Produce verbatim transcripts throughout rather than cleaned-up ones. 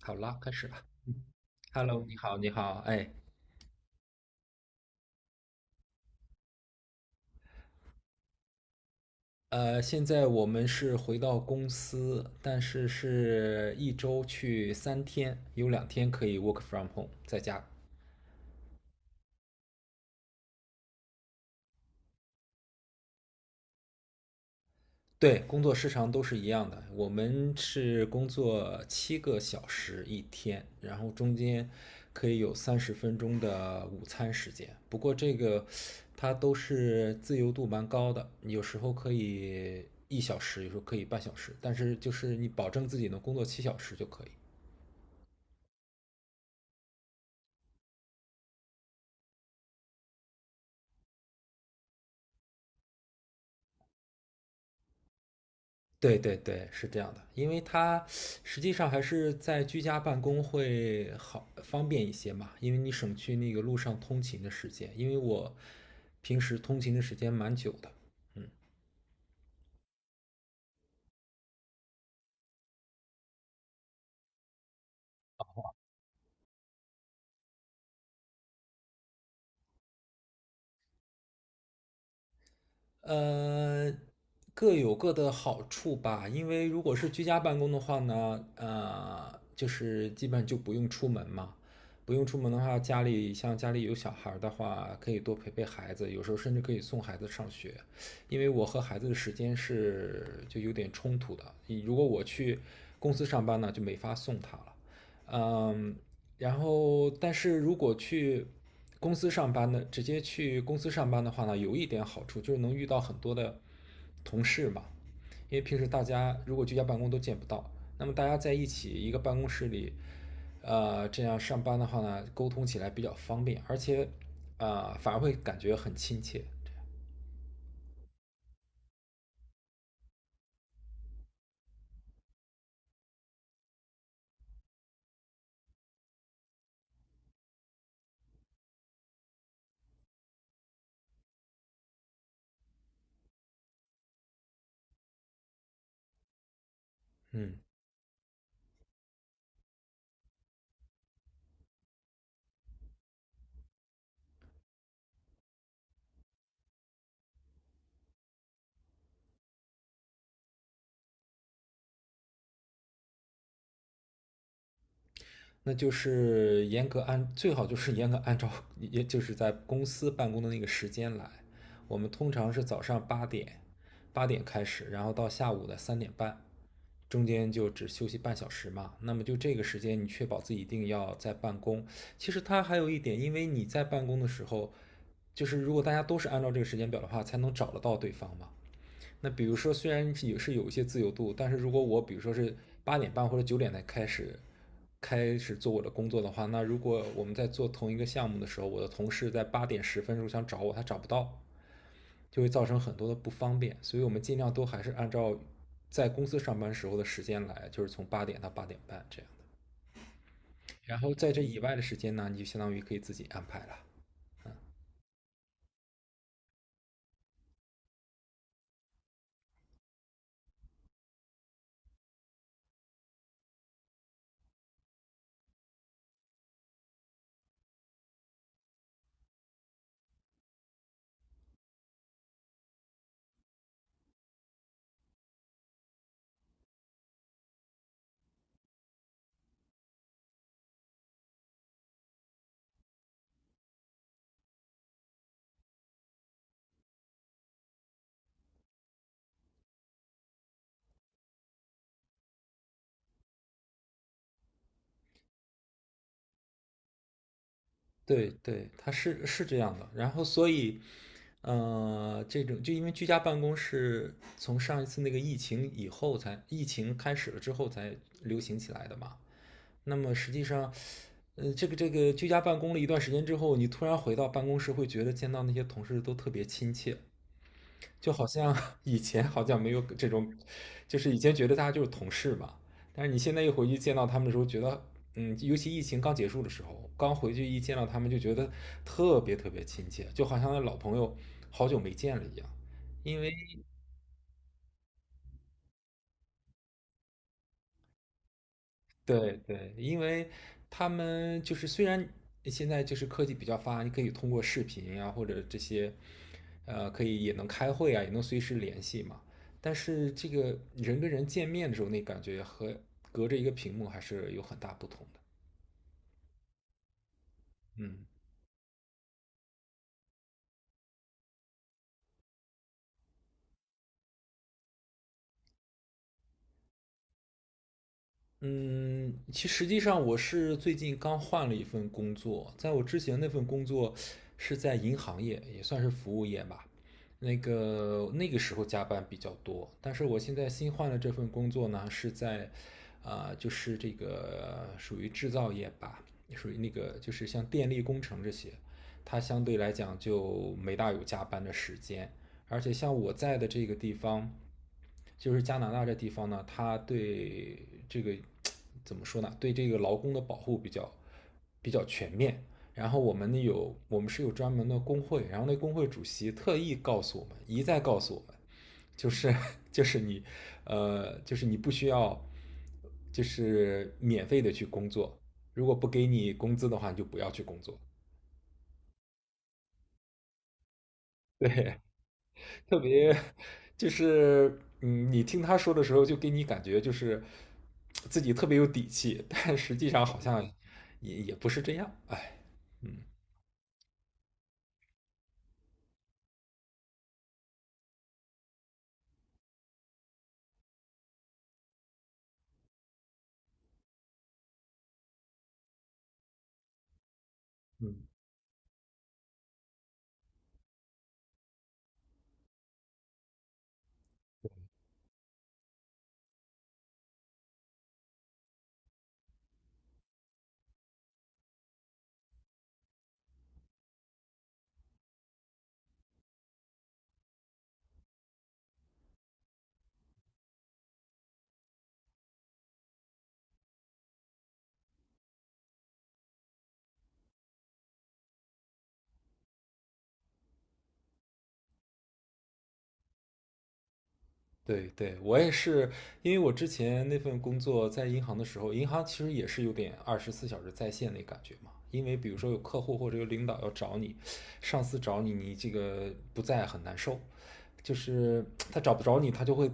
好了，开始吧。Hello，你好，你好，哎，呃，现在我们是回到公司，但是是一周去三天，有两天可以 work from home，在家。对，工作时长都是一样的。我们是工作七个小时一天，然后中间可以有三十分钟的午餐时间。不过这个它都是自由度蛮高的，有时候可以一小时，有时候可以半小时，但是就是你保证自己能工作七小时就可以。对对对，是这样的，因为它实际上还是在居家办公会好方便一些嘛，因为你省去那个路上通勤的时间，因为我平时通勤的时间蛮久的。呃，各有各的好处吧，因为如果是居家办公的话呢，呃，就是基本就不用出门嘛，不用出门的话，家里像家里有小孩儿的话，可以多陪陪孩子，有时候甚至可以送孩子上学，因为我和孩子的时间是就有点冲突的，如果我去公司上班呢，就没法送他了。嗯，然后但是如果去公司上班呢，直接去公司上班的话呢，有一点好处就是能遇到很多的同事嘛，因为平时大家如果居家办公都见不到，那么大家在一起一个办公室里，呃，这样上班的话呢，沟通起来比较方便，而且啊，呃反而会感觉很亲切。嗯，那就是严格按最好就是严格按照也就是在公司办公的那个时间来。我们通常是早上八点八点开始，然后到下午的三点半，中间就只休息半小时嘛。那么就这个时间，你确保自己一定要在办公。其实它还有一点，因为你在办公的时候，就是如果大家都是按照这个时间表的话，才能找得到对方嘛。那比如说，虽然也是有一些自由度，但是如果我比如说是八点半或者九点才开始开始做我的工作的话，那如果我们在做同一个项目的时候，我的同事在八点十分时候想找我，他找不到，就会造成很多的不方便。所以我们尽量都还是按照在公司上班时候的时间来，就是从八点到八点半这样的。然后在这以外的时间呢，你就相当于可以自己安排了。对对，他是是这样的。然后所以呃，这种就因为居家办公是从上一次那个疫情以后才，疫情开始了之后才流行起来的嘛。那么实际上，呃，这个这个居家办公了一段时间之后，你突然回到办公室，会觉得见到那些同事都特别亲切，就好像 以前好像没有这种，就是以前觉得大家就是同事嘛，但是你现在一回去见到他们的时候，觉得，嗯，尤其疫情刚结束的时候，刚回去一见到他们就觉得特别特别亲切，就好像那老朋友好久没见了一样。因为。对对，因为他们就是虽然现在就是科技比较发达，你可以通过视频啊或者这些，呃，可以也能开会啊，也能随时联系嘛。但是这个人跟人见面的时候，那感觉和隔着一个屏幕还是有很大不同的。嗯。嗯，其实实际上我是最近刚换了一份工作，在我之前那份工作是在银行业，也算是服务业吧。那个那个时候加班比较多，但是我现在新换了这份工作呢，是在，啊、呃就是这个属于制造业吧，属于那个就是像电力工程这些，它相对来讲就没大有加班的时间，而且像我在的这个地方，就是加拿大这地方呢，它对这个怎么说呢？对这个劳工的保护比较比较全面。然后我们有我们是有专门的工会，然后那工会主席特意告诉我们，一再告诉我们，就是 就是你呃，就是你不需要就是免费的去工作，如果不给你工资的话，你就不要去工作。对。特别就是嗯，你听他说的时候，就给你感觉就是自己特别有底气，但实际上好像也也不是这样，哎，嗯。嗯，对对，我也是，因为我之前那份工作在银行的时候，银行其实也是有点二十四小时在线那感觉嘛。因为比如说有客户或者有领导要找你，上司找你，你这个不在很难受。就是他找不着你，他就会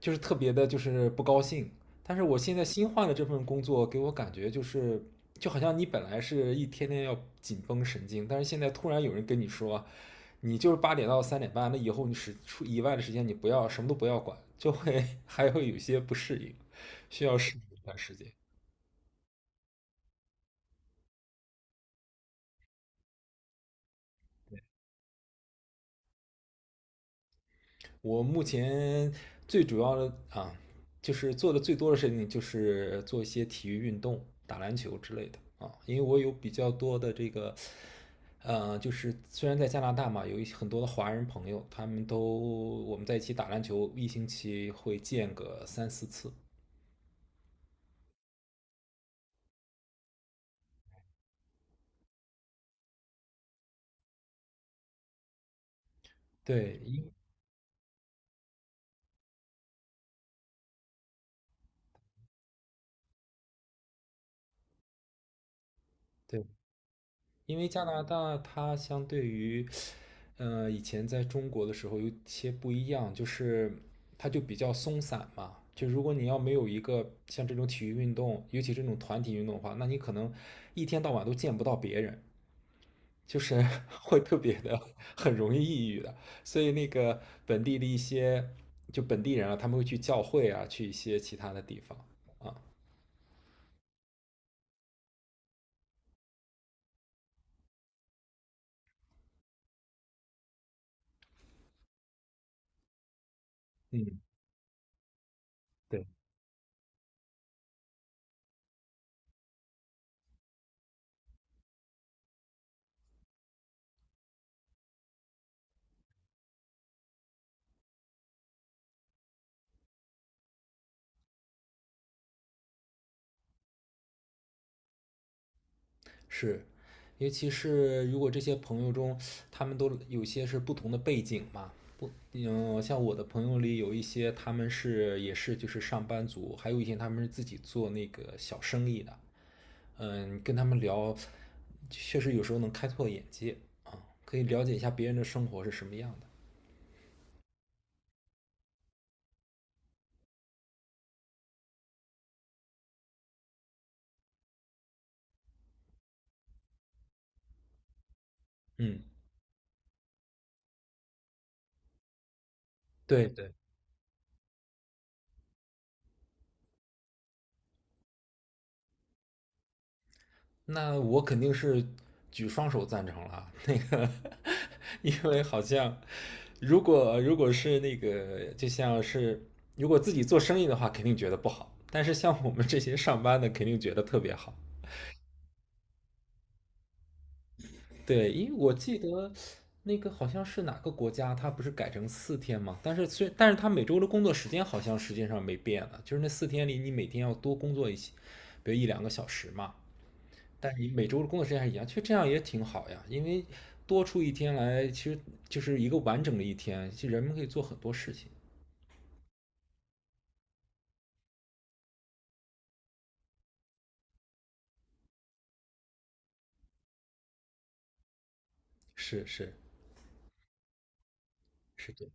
就是特别的，就是不高兴。但是我现在新换的这份工作，给我感觉就是就好像你本来是一天天要紧绷神经，但是现在突然有人跟你说，你就是八点到三点半，那以后你是出以外的时间你不要什么都不要管，就会 还会有些不适应，需要适应一段时间。我目前最主要的啊，就是做的最多的事情就是做一些体育运动，打篮球之类的啊。因为我有比较多的这个，呃，就是虽然在加拿大嘛，有一些很多的华人朋友，他们都我们在一起打篮球，一星期会见个三四次。对，一对。因为加拿大它相对于，呃，以前在中国的时候有些不一样，就是它就比较松散嘛。就如果你要没有一个像这种体育运动，尤其这种团体运动的话，那你可能一天到晚都见不到别人，就是 会特别的很容易抑郁的。所以那个本地的一些就本地人啊，他们会去教会啊，去一些其他的地方啊。嗯，对。是，尤其是如果这些朋友中，他们都有些是不同的背景嘛，不，嗯，像我的朋友里有一些他们是也是就是上班族，还有一些他们是自己做那个小生意的，嗯，跟他们聊，确实有时候能开拓眼界啊，可以了解一下别人的生活是什么样的。嗯，对对。那我肯定是举双手赞成了啊。那个，因为好像如果如果是那个，就像是如果自己做生意的话，肯定觉得不好。但是像我们这些上班的，肯定觉得特别好。对，因为我记得那个好像是哪个国家，它不是改成四天嘛？但是虽但是它每周的工作时间好像实际上没变了，就是那四天里你每天要多工作一些，比如一两个小时嘛。但你每周的工作时间还一样，其实这样也挺好呀，因为多出一天来，其实就是一个完整的一天，其实人们可以做很多事情。是是是的，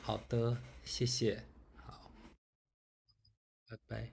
好的，谢谢，拜拜。